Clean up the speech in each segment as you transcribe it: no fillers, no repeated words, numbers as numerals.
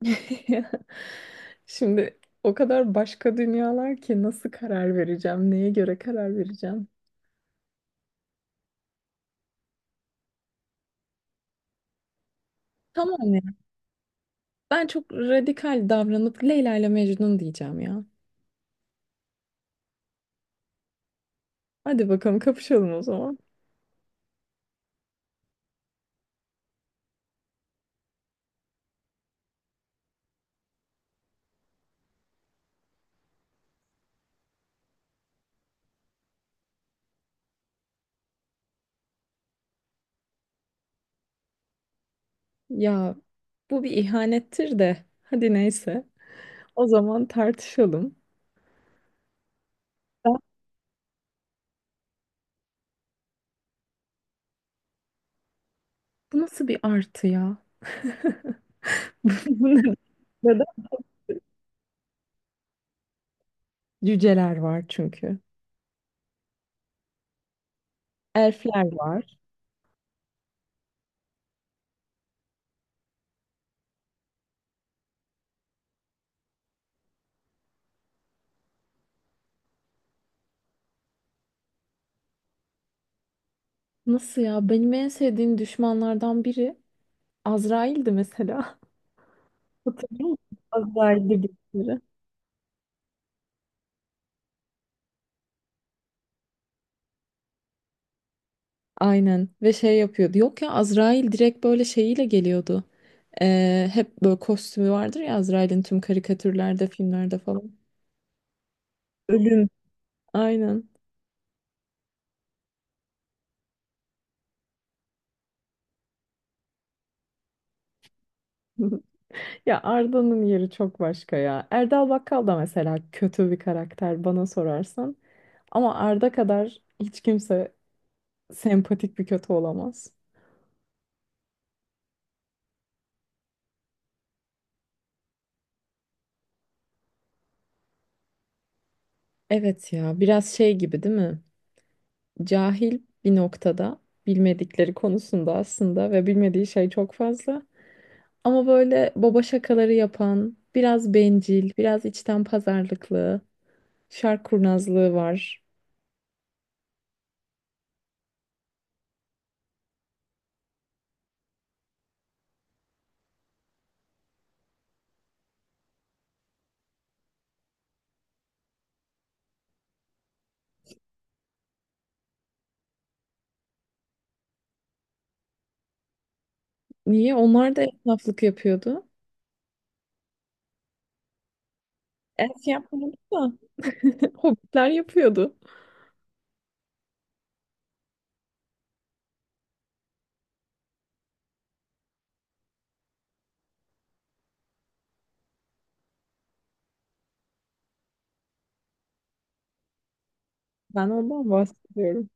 Şimdi o kadar başka dünyalar ki nasıl karar vereceğim, neye göre karar vereceğim? Tamam ya. Ben çok radikal davranıp Leyla ile Mecnun diyeceğim ya. Hadi bakalım kapışalım o zaman. Ya bu bir ihanettir de hadi neyse. O zaman tartışalım. Ya, bu nasıl bir artı ya? Bu ne? Neden? Cüceler var çünkü. Elfler var. Nasıl ya? Benim en sevdiğim düşmanlardan biri Azrail'di mesela. Hatırlıyor musun? Azrail'de bildikleri. Aynen ve şey yapıyordu. Yok ya, Azrail direkt böyle şeyiyle geliyordu. Hep böyle kostümü vardır ya Azrail'in, tüm karikatürlerde, filmlerde falan. Ölüm. Aynen. Ya Arda'nın yeri çok başka ya. Erdal Bakkal da mesela kötü bir karakter bana sorarsan. Ama Arda kadar hiç kimse sempatik bir kötü olamaz. Evet ya, biraz şey gibi değil mi? Cahil bir noktada, bilmedikleri konusunda aslında, ve bilmediği şey çok fazla. Ama böyle baba şakaları yapan, biraz bencil, biraz içten pazarlıklı, şark kurnazlığı var. Niye? Onlar da esnaflık yapıyordu. Es yapmıyordu da hobbitler yapıyordu. Ben ondan bahsediyorum.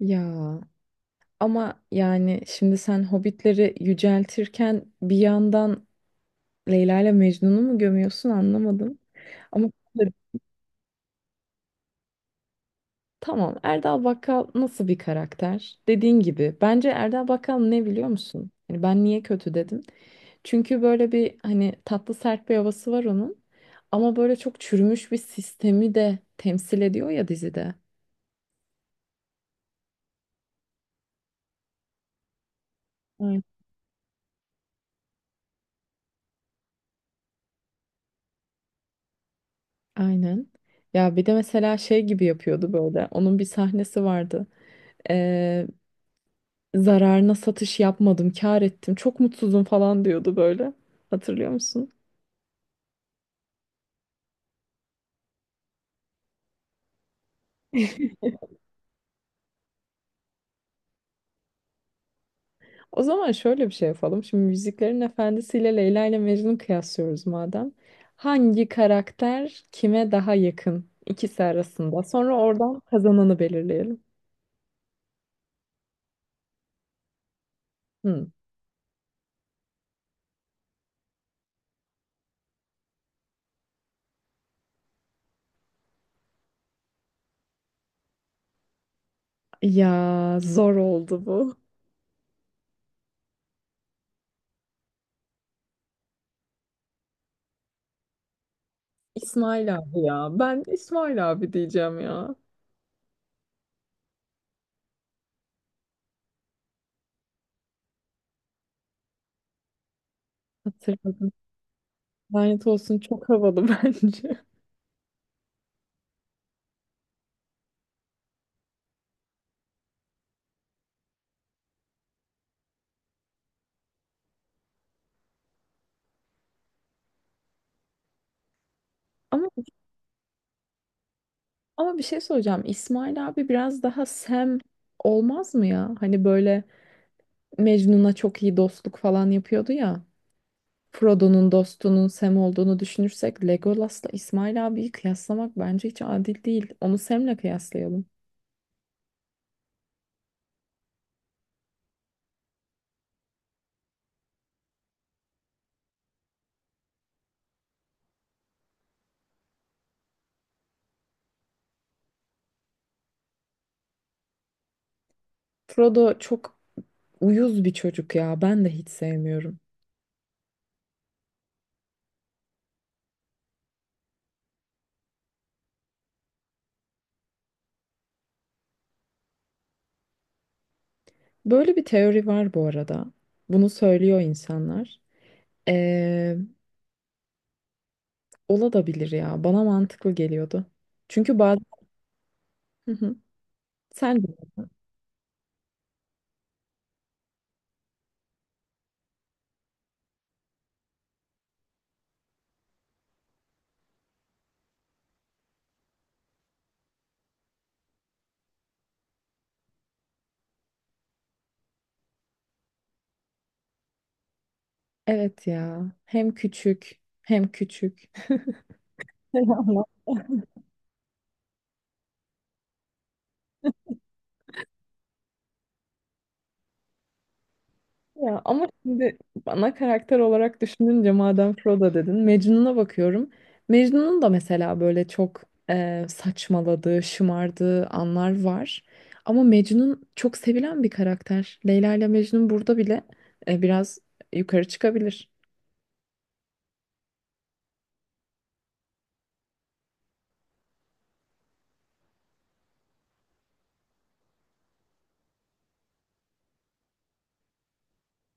Ya ama yani şimdi sen hobbitleri yüceltirken bir yandan Leyla ile Mecnun'u mu gömüyorsun, anlamadım. Ama tamam. Erdal Bakkal nasıl bir karakter? Dediğin gibi. Bence Erdal Bakkal ne biliyor musun? Hani ben niye kötü dedim? Çünkü böyle bir hani tatlı sert bir havası var onun. Ama böyle çok çürümüş bir sistemi de temsil ediyor ya dizide. Evet. Aynen. Ya bir de mesela şey gibi yapıyordu böyle. Onun bir sahnesi vardı. Ee, Zararına satış yapmadım, kâr ettim. Çok mutsuzum falan diyordu böyle. Hatırlıyor musun? O zaman şöyle bir şey yapalım. Şimdi Müziklerin Efendisi ile Leyla ile Mecnun'u kıyaslıyoruz madem. Hangi karakter kime daha yakın ikisi arasında? Sonra oradan kazananı belirleyelim. Hı. Ya zor oldu bu. İsmail abi ya. Ben İsmail abi diyeceğim ya. Hatırladım. Lanet olsun, çok havalı bence. Ama bir şey soracağım. İsmail abi biraz daha Sam olmaz mı ya? Hani böyle Mecnun'a çok iyi dostluk falan yapıyordu ya. Frodo'nun dostunun Sam olduğunu düşünürsek Legolas'la İsmail abiyi kıyaslamak bence hiç adil değil. Onu Sam'le kıyaslayalım. Frodo çok uyuz bir çocuk ya. Ben de hiç sevmiyorum. Böyle bir teori var bu arada. Bunu söylüyor insanlar. Ee, Olabilir ya. Bana mantıklı geliyordu. Çünkü bazen... Hı hı. Sen de. Evet ya. Hem küçük hem küçük. Ya ama şimdi ana karakter olarak düşününce madem Frodo dedin, Mecnun'a bakıyorum. Mecnun'un da mesela böyle çok saçmaladığı, şımardığı anlar var. Ama Mecnun çok sevilen bir karakter. Leyla ile Mecnun burada bile biraz yukarı çıkabilir.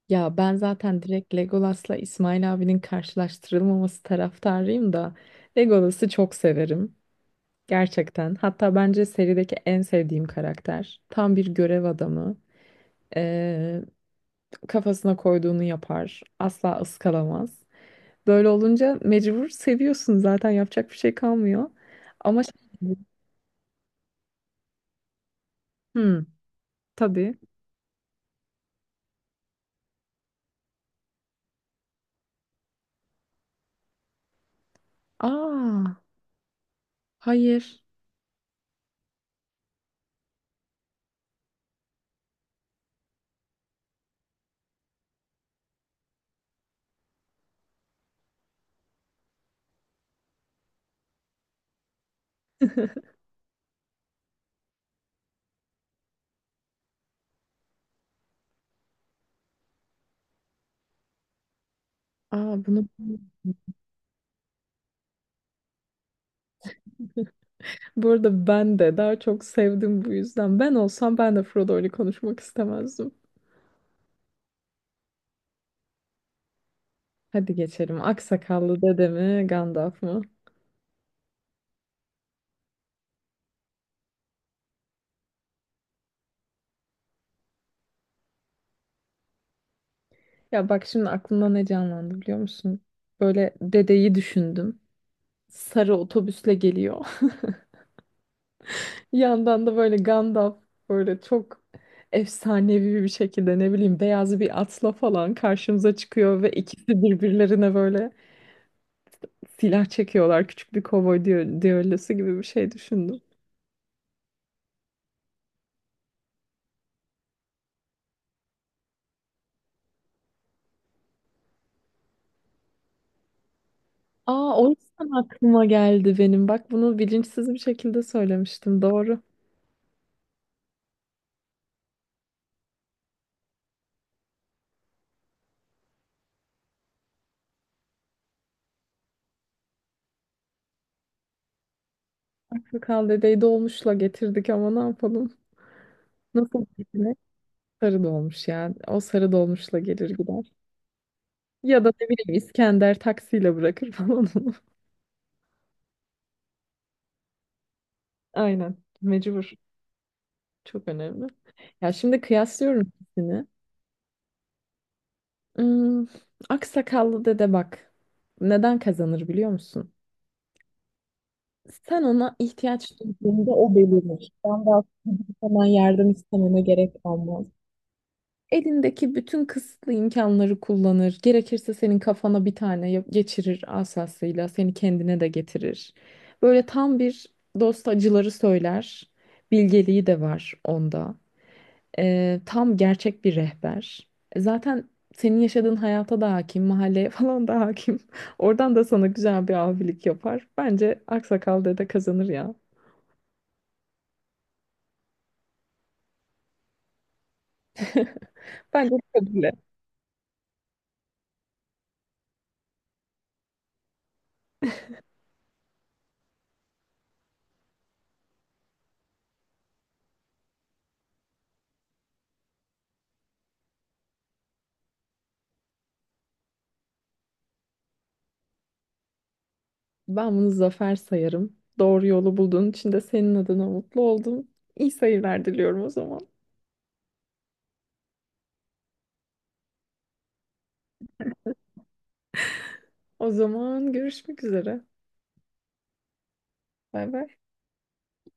Ya ben zaten direkt Legolas'la İsmail abinin karşılaştırılmaması taraftarıyım da Legolas'ı çok severim. Gerçekten. Hatta bence serideki en sevdiğim karakter. Tam bir görev adamı. Ee, Kafasına koyduğunu yapar. Asla ıskalamaz. Böyle olunca mecbur seviyorsun, zaten yapacak bir şey kalmıyor. Ama şey, hmm, tabii. Aa, hayır. Aa, bunu bu arada ben de daha çok sevdim bu yüzden. Ben olsam ben de Frodo'yla konuşmak istemezdim. Hadi geçelim. Aksakallı dede mi, Gandalf mı? Ya bak şimdi aklımda ne canlandı biliyor musun? Böyle dedeyi düşündüm. Sarı otobüsle geliyor. Yandan da böyle Gandalf böyle çok efsanevi bir şekilde ne bileyim beyaz bir atla falan karşımıza çıkıyor ve ikisi birbirlerine böyle silah çekiyorlar. Küçük bir kovboy düellosu gibi bir şey düşündüm. Aa, o yüzden aklıma geldi benim. Bak bunu bilinçsiz bir şekilde söylemiştim. Doğru. Kral dedeyi dolmuşla getirdik, ama ne yapalım? Nasıl gitmek? Sarı dolmuş yani. O sarı dolmuşla gelir gider. Ya da ne bileyim İskender taksiyle bırakır falan onu. Aynen. Mecbur. Çok önemli. Ya şimdi kıyaslıyorum ikisini. Hmm, aksakallı dede bak. Neden kazanır biliyor musun? Sen ona ihtiyaç duyduğunda o belirir. Ben daha hemen yardım istememe gerek kalmaz. Elindeki bütün kısıtlı imkanları kullanır. Gerekirse senin kafana bir tane geçirir asasıyla. Seni kendine de getirir. Böyle tam bir dost acıları söyler. Bilgeliği de var onda. Tam gerçek bir rehber. E, zaten senin yaşadığın hayata da hakim, mahalleye falan da hakim. Oradan da sana güzel bir abilik yapar. Bence Aksakal dede kazanır ya. Bence kabule. Ben bunu zafer sayarım. Doğru yolu bulduğun için de senin adına mutlu oldum. İyi seyirler diliyorum o zaman. O zaman görüşmek üzere. Bay bay.